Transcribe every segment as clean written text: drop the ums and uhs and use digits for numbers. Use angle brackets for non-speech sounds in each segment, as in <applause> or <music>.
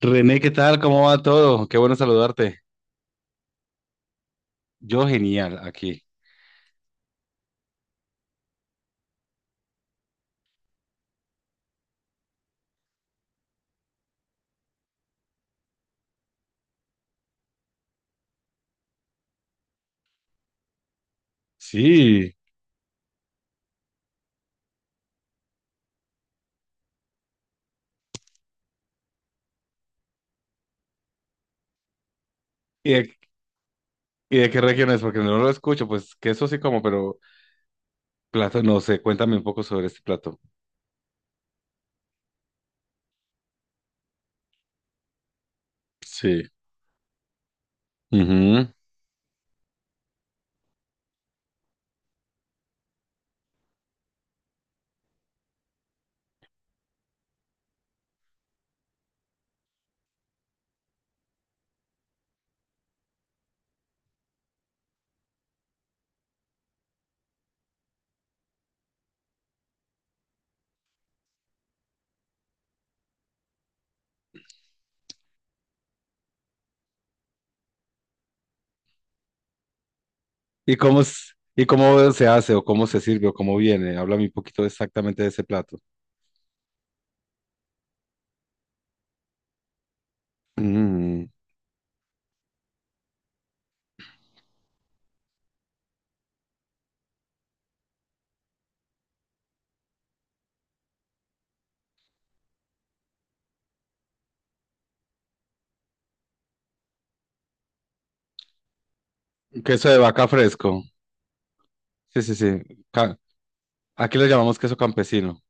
René, ¿qué tal? ¿Cómo va todo? Qué bueno saludarte. Yo genial aquí. Sí. ¿Y de, ¿Y de qué región es? Porque no lo escucho, pues que eso sí como, pero plato no sé. Cuéntame un poco sobre este plato. Sí. Ujú. ¿Y cómo se hace o cómo se sirve o cómo viene? Háblame un poquito exactamente de ese plato. Mm, Queso de vaca fresco. Sí, sí, sí. Aquí lo llamamos queso campesino.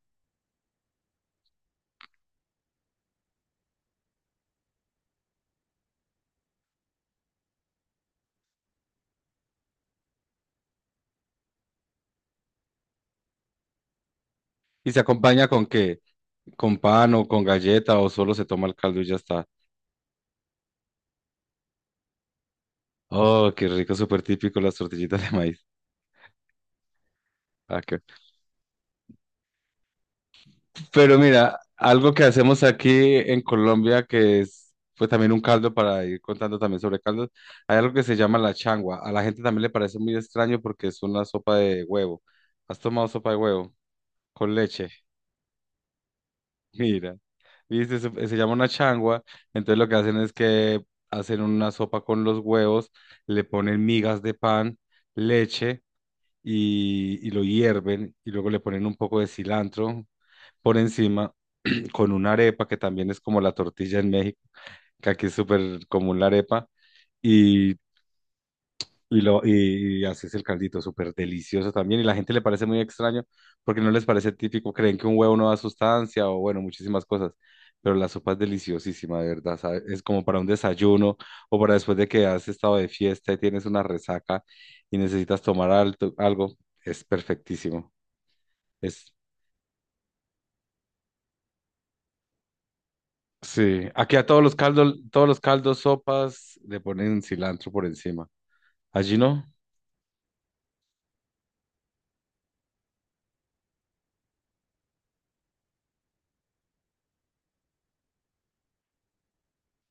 ¿Y se acompaña con qué? ¿Con pan o con galleta o solo se toma el caldo y ya está? Oh, qué rico, súper típico las tortillitas de maíz. Ah, qué- Pero mira, algo que hacemos aquí en Colombia que es pues también un caldo para ir contando también sobre caldos, hay algo que se llama la changua. A la gente también le parece muy extraño porque es una sopa de huevo. ¿Has tomado sopa de huevo con leche? <laughs> Mira, viste, se llama una changua, entonces lo que hacen es que hacen una sopa con los huevos, le ponen migas de pan, leche, y lo hierven y luego le ponen un poco de cilantro por encima con una arepa que también es como la tortilla en México, que aquí es súper común la arepa y, y así es el caldito, súper delicioso también y la gente le parece muy extraño porque no les parece típico, creen que un huevo no da sustancia o bueno, muchísimas cosas. Pero la sopa es deliciosísima, de verdad, ¿sabe? Es como para un desayuno o para después de que has estado de fiesta y tienes una resaca y necesitas algo, es perfectísimo. Es, sí, aquí a todos los caldos, sopas, le ponen cilantro por encima. Allí no,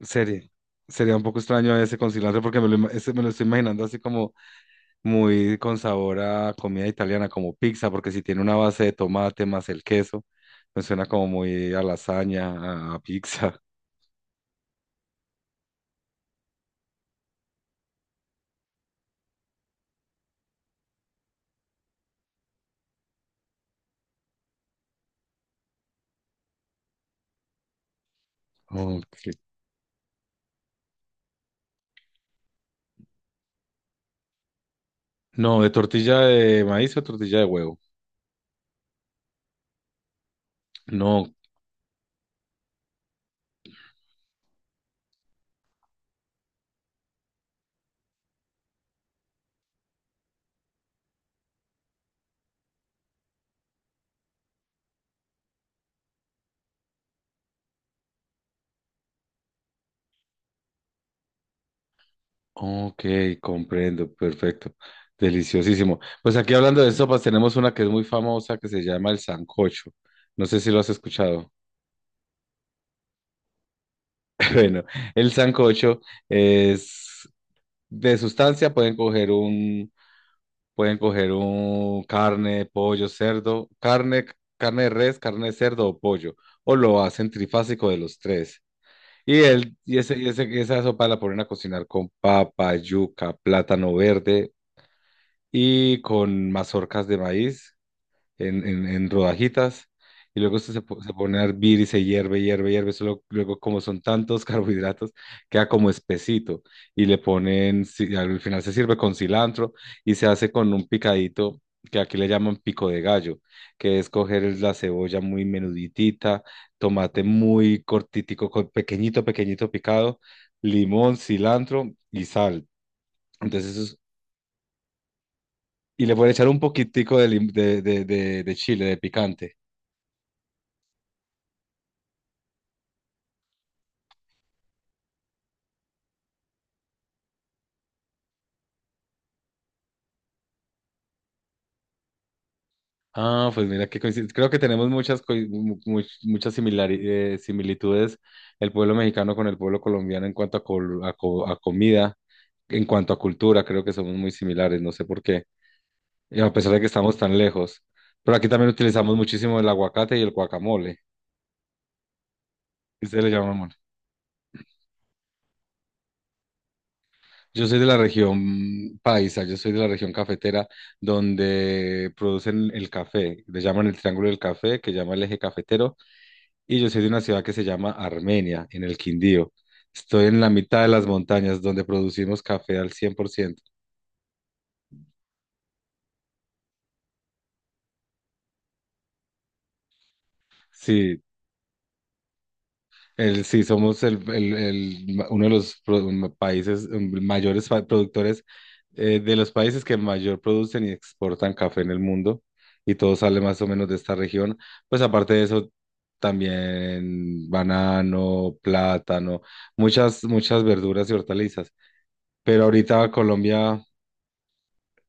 sería, sería un poco extraño ese con cilantro porque ese me lo estoy imaginando así como muy con sabor a comida italiana, como pizza, porque si tiene una base de tomate más el queso, me suena como muy a lasaña, a pizza. Ok. No, de tortilla de maíz o tortilla de huevo. No. Ok, comprendo, perfecto. Deliciosísimo. Pues aquí hablando de sopas, tenemos una que es muy famosa que se llama el sancocho. No sé si lo has escuchado. <laughs> Bueno, el sancocho es de sustancia, pueden coger un carne, pollo, cerdo, carne, carne de res, carne de cerdo o pollo, o lo hacen trifásico de los tres. Y, el y, ese, y ese- y esa sopa la ponen a cocinar con papa, yuca, plátano verde, y con mazorcas de maíz en rodajitas. Y luego se pone a hervir y se hierve, hierve, hierve. Solo, luego, como son tantos <laughs> carbohidratos, queda como espesito. Y al final se sirve con cilantro y se hace con un picadito que aquí le llaman pico de gallo, que es la cebolla muy menuditita, tomate muy pequeñito, pequeñito picado, limón, cilantro y sal. Entonces eso y le pueden echar un poquitico de, lim- de chile, de picante. Ah, pues mira qué coincidencia. Creo que tenemos muchas, coi- mu- mu- muchas similitudes el pueblo mexicano con el pueblo colombiano en cuanto a comida, en cuanto a cultura. Creo que somos muy similares, no sé por qué, y a pesar de que estamos tan lejos. Pero aquí también utilizamos muchísimo el aguacate y el guacamole. ¿Ustedes le llaman? Yo soy de la región paisa, yo soy de la región cafetera donde producen el café, le llaman el Triángulo del Café, que llama el eje cafetero, y yo soy de una ciudad que se llama Armenia, en el Quindío. Estoy en la mitad de las montañas donde producimos café al 100%. Sí, somos uno de los países mayores productores, de los países que mayor producen y exportan café en el mundo y todo sale más o menos de esta región. Pues aparte de eso, también banano, plátano, muchas, muchas verduras y hortalizas. Pero ahorita Colombia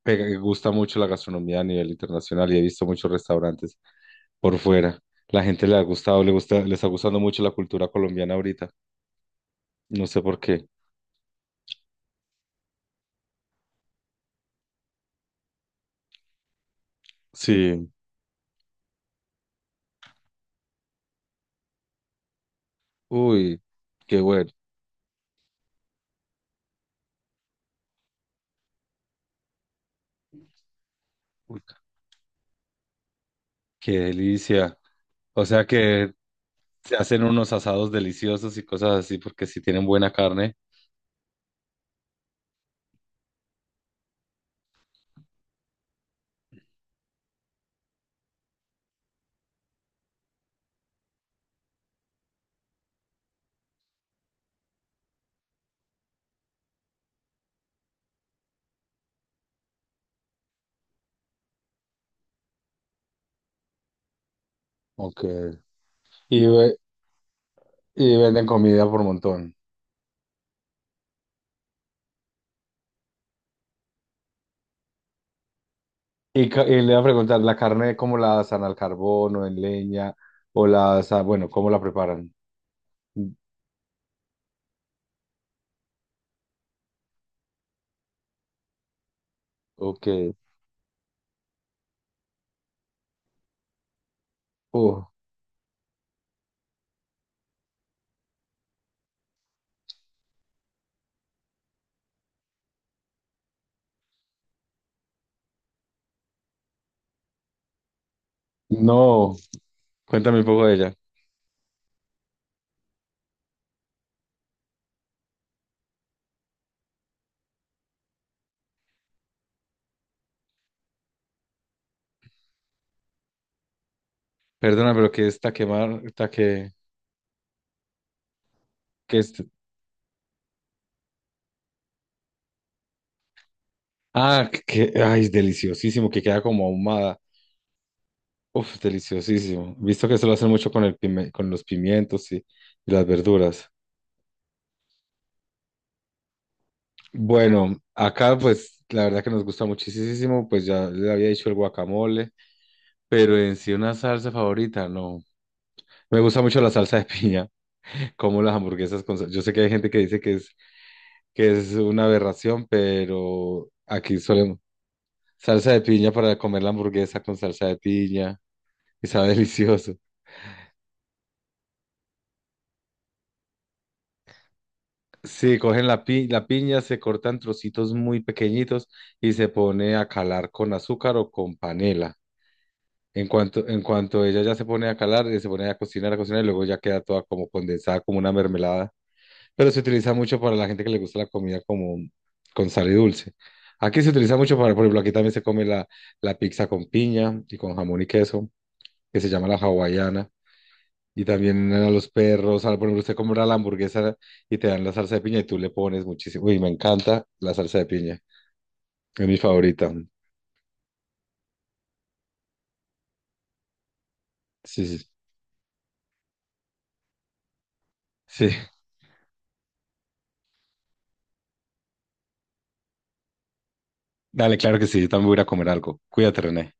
gusta mucho la gastronomía a nivel internacional y he visto muchos restaurantes por fuera. La gente le ha gustado, le gusta, le está gustando mucho la cultura colombiana ahorita. No sé por qué. Sí, uy, qué bueno, uy, qué delicia. O sea que se hacen unos asados deliciosos y cosas así porque si tienen buena carne. Ok. Y, ve- y venden comida por montón. Y le iba a preguntar, ¿la carne cómo la asan, al carbón o en leña? O la asan, bueno, ¿cómo la preparan? Ok. Uh, no, cuéntame un poco de ella. Perdona, pero que esta quemar, esta que es- ah, que, ay, es deliciosísimo, que queda como ahumada. Uf, deliciosísimo. Visto que eso lo hacen mucho con los pimientos y las verduras. Bueno, acá pues la verdad que nos gusta muchísimo, pues ya le había dicho el guacamole, pero en sí una salsa favorita, no. Me gusta mucho la salsa de piña, <laughs> como las hamburguesas Yo sé que hay gente que dice que es una aberración, pero aquí solemos salsa de piña para comer la hamburguesa con salsa de piña y sabe <laughs> delicioso. Sí, cogen la piña, se cortan trocitos muy pequeñitos y se pone a calar con azúcar o con panela. En cuanto ella ya se pone a calar, se pone a cocinar y luego ya queda toda como condensada, como una mermelada. Pero se utiliza mucho para la gente que le gusta la comida como con sal y dulce. Aquí se utiliza mucho para, por ejemplo, aquí también se come la pizza con piña y con jamón y queso, que se llama la hawaiana. Y también a los perros, por ejemplo, usted compra la hamburguesa y te dan la salsa de piña y tú le pones muchísimo. Uy, me encanta la salsa de piña. Es mi favorita. Sí, sí. Sí. Sí. Dale, claro que sí. Yo también voy a ir a comer algo. Cuídate, René.